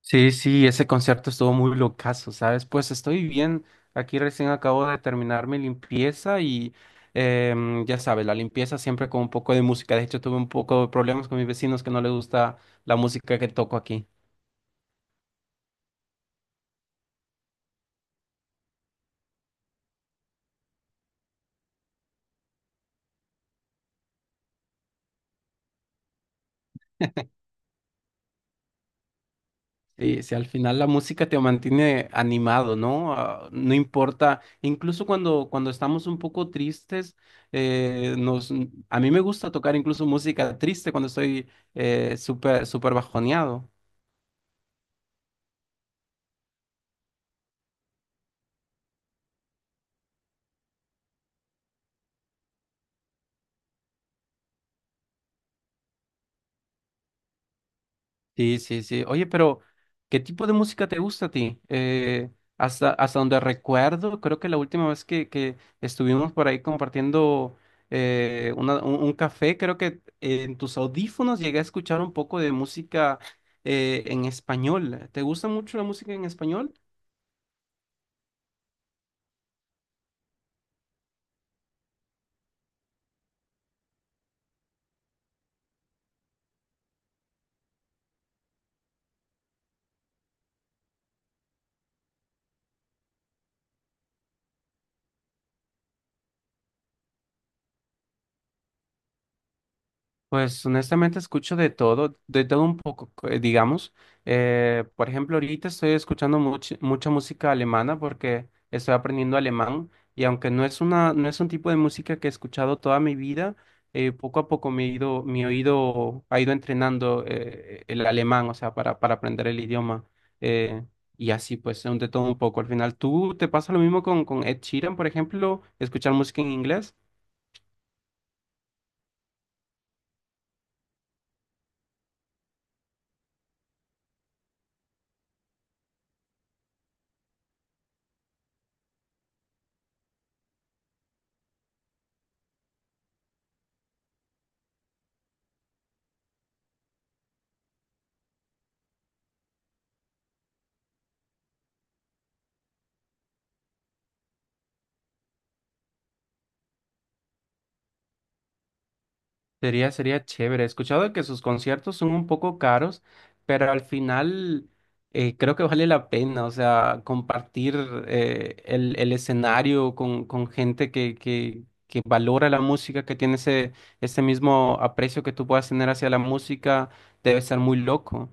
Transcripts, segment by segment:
Sí, sí, ese concierto estuvo muy locazo, ¿sabes? Pues estoy bien. Aquí recién acabo de terminar mi limpieza y ya sabes, la limpieza siempre con un poco de música. De hecho, tuve un poco de problemas con mis vecinos que no les gusta la música que toco aquí. Sí, sí, al final la música te mantiene animado, ¿no? Ah, no importa, incluso cuando estamos un poco tristes, eh, nos, a mí me gusta tocar incluso música triste cuando estoy súper, súper bajoneado. Sí, sí, sí. Oye, pero ¿qué tipo de música te gusta a ti? Hasta donde recuerdo, creo que la última vez que estuvimos por ahí compartiendo un café, creo que en tus audífonos llegué a escuchar un poco de música en español. ¿Te gusta mucho la música en español? Pues honestamente escucho de todo un poco, digamos. Por ejemplo, ahorita estoy escuchando mucha música alemana porque estoy aprendiendo alemán y aunque no es un tipo de música que he escuchado toda mi vida, poco a poco mi oído ha ido entrenando el alemán, o sea, para aprender el idioma. eh, y así pues, de todo un poco. Al final, ¿tú te pasa lo mismo con Ed Sheeran, por ejemplo, escuchar música en inglés? Sería chévere. He escuchado que sus conciertos son un poco caros, pero al final creo que vale la pena, o sea, compartir el escenario con gente que valora la música, que tiene ese mismo aprecio que tú puedas tener hacia la música, debe ser muy loco.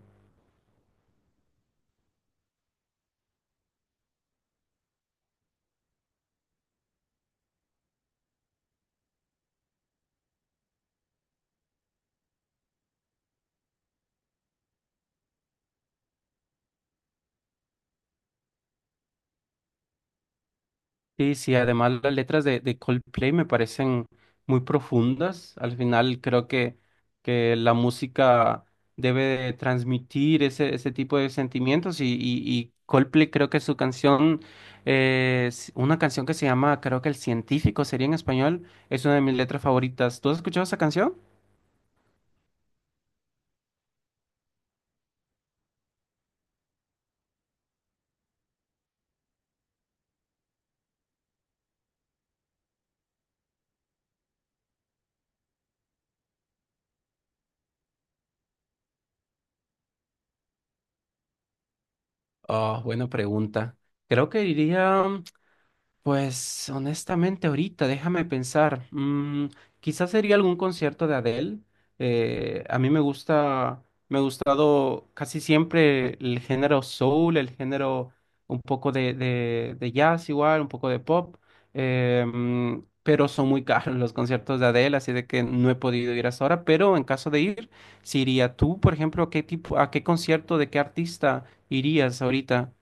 Sí, sí, además las letras de Coldplay me parecen muy profundas. Al final creo que la música debe de transmitir ese tipo de sentimientos y Coldplay creo que su canción, es una canción que se llama, creo que El Científico sería en español, es una de mis letras favoritas. ¿Tú has escuchado esa canción? Oh, buena pregunta. Creo que diría. Pues honestamente ahorita, déjame pensar, quizás sería algún concierto de Adele. A mí me ha gustado casi siempre el género soul, el género un poco de jazz igual, un poco de pop, eh, mm, pero son muy caros los conciertos de Adele, así de que no he podido ir hasta ahora, pero en caso de ir, si iría tú, por ejemplo, ¿a qué concierto de qué artista irías ahorita?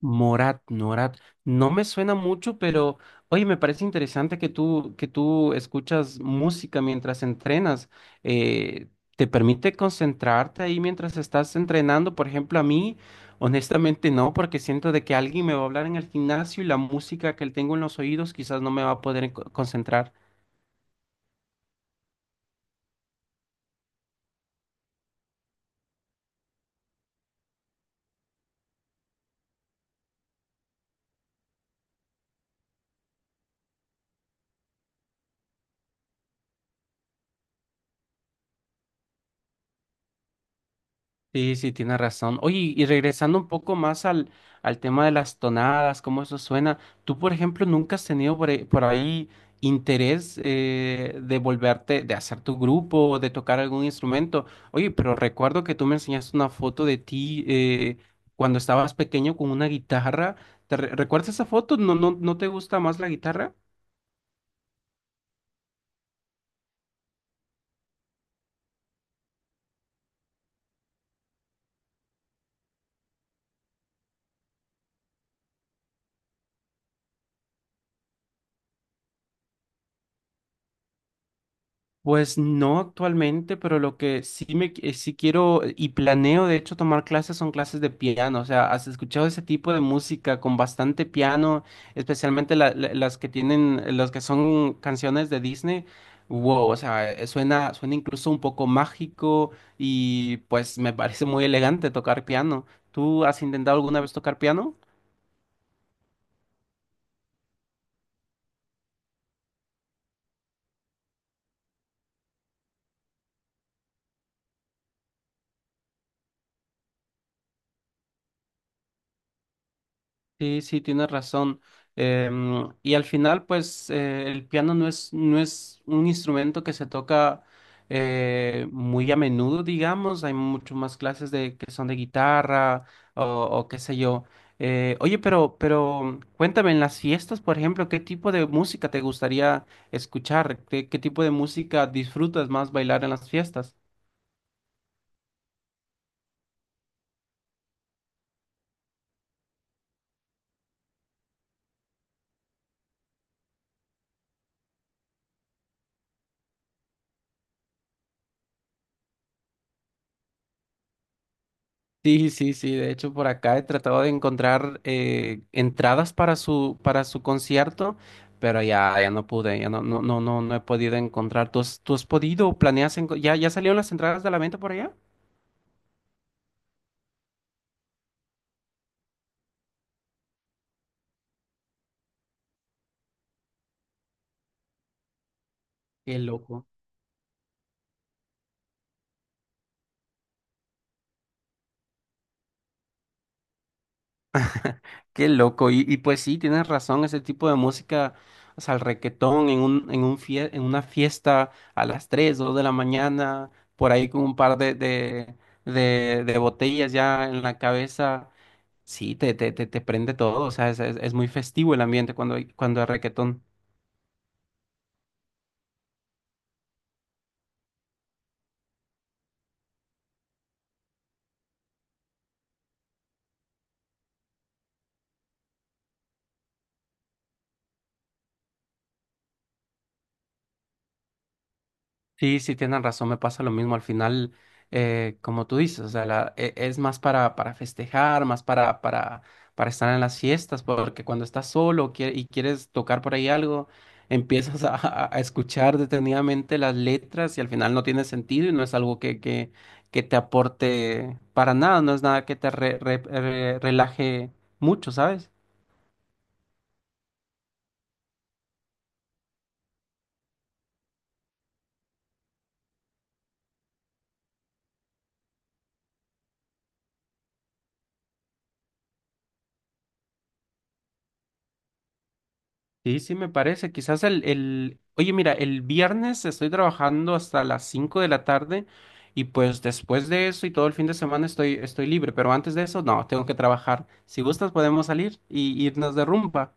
Morat, Morat, no me suena mucho, pero oye, me parece interesante que tú escuchas música mientras entrenas. Eh, ¿te permite concentrarte ahí mientras estás entrenando? Por ejemplo, a mí, honestamente no, porque siento de que alguien me va a hablar en el gimnasio y la música que tengo en los oídos quizás no me va a poder concentrar. Sí, sí, tienes razón. Oye, y regresando un poco más al tema de las tonadas, cómo eso suena, ¿tú, por ejemplo, nunca has tenido por ahí interés de hacer tu grupo, o de tocar algún instrumento? Oye, pero recuerdo que tú me enseñaste una foto de ti cuando estabas pequeño con una guitarra. ¿Te recuerdas esa foto? ¿No, no, no te gusta más la guitarra? Pues no actualmente, pero lo que sí sí quiero y planeo de hecho tomar clases son clases de piano. O sea, ¿has escuchado ese tipo de música con bastante piano, especialmente las que las que son canciones de Disney? Wow, o sea, suena incluso un poco mágico y pues me parece muy elegante tocar piano. ¿Tú has intentado alguna vez tocar piano? Sí, sí, tienes razón. Y al final, pues, el piano no es un instrumento que se toca muy a menudo, digamos. Hay mucho más clases de que son de guitarra o qué sé yo. Oye, pero cuéntame, en las fiestas, por ejemplo, ¿qué tipo de música te gustaría escuchar? ¿Qué tipo de música disfrutas más bailar en las fiestas? Sí, sí, sí. De hecho, por acá he tratado de encontrar entradas para su concierto, pero ya no pude, ya no he podido encontrar. ¿Tú has podido? ¿Planeas? ¿Ya salieron las entradas de la venta por allá? Qué loco. Qué loco. Y pues sí, tienes razón. Ese tipo de música, o sea, el reguetón en una fiesta a las 3 2 de la mañana, por ahí con un par de botellas ya en la cabeza. Sí, te prende todo, o sea, es muy festivo el ambiente cuando hay reggaetón. Sí, sí, tienen razón, me pasa lo mismo al final, como tú dices, o sea, es más para festejar, más para estar en las fiestas, porque cuando estás solo y quieres tocar por ahí algo, empiezas a escuchar detenidamente las letras y al final no tiene sentido y no es algo que te aporte para nada, no es nada que te relaje mucho, ¿sabes? Sí, sí, me parece. Oye, mira, el viernes estoy trabajando hasta las 5 de la tarde y pues después de eso y todo el fin de semana estoy libre, pero antes de eso, no, tengo que trabajar. Si gustas, podemos salir y irnos de rumba.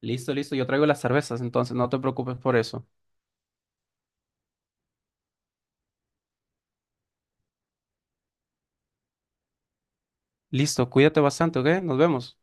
Listo, listo, yo traigo las cervezas, entonces no te preocupes por eso. Listo, cuídate bastante, ¿ok? Nos vemos.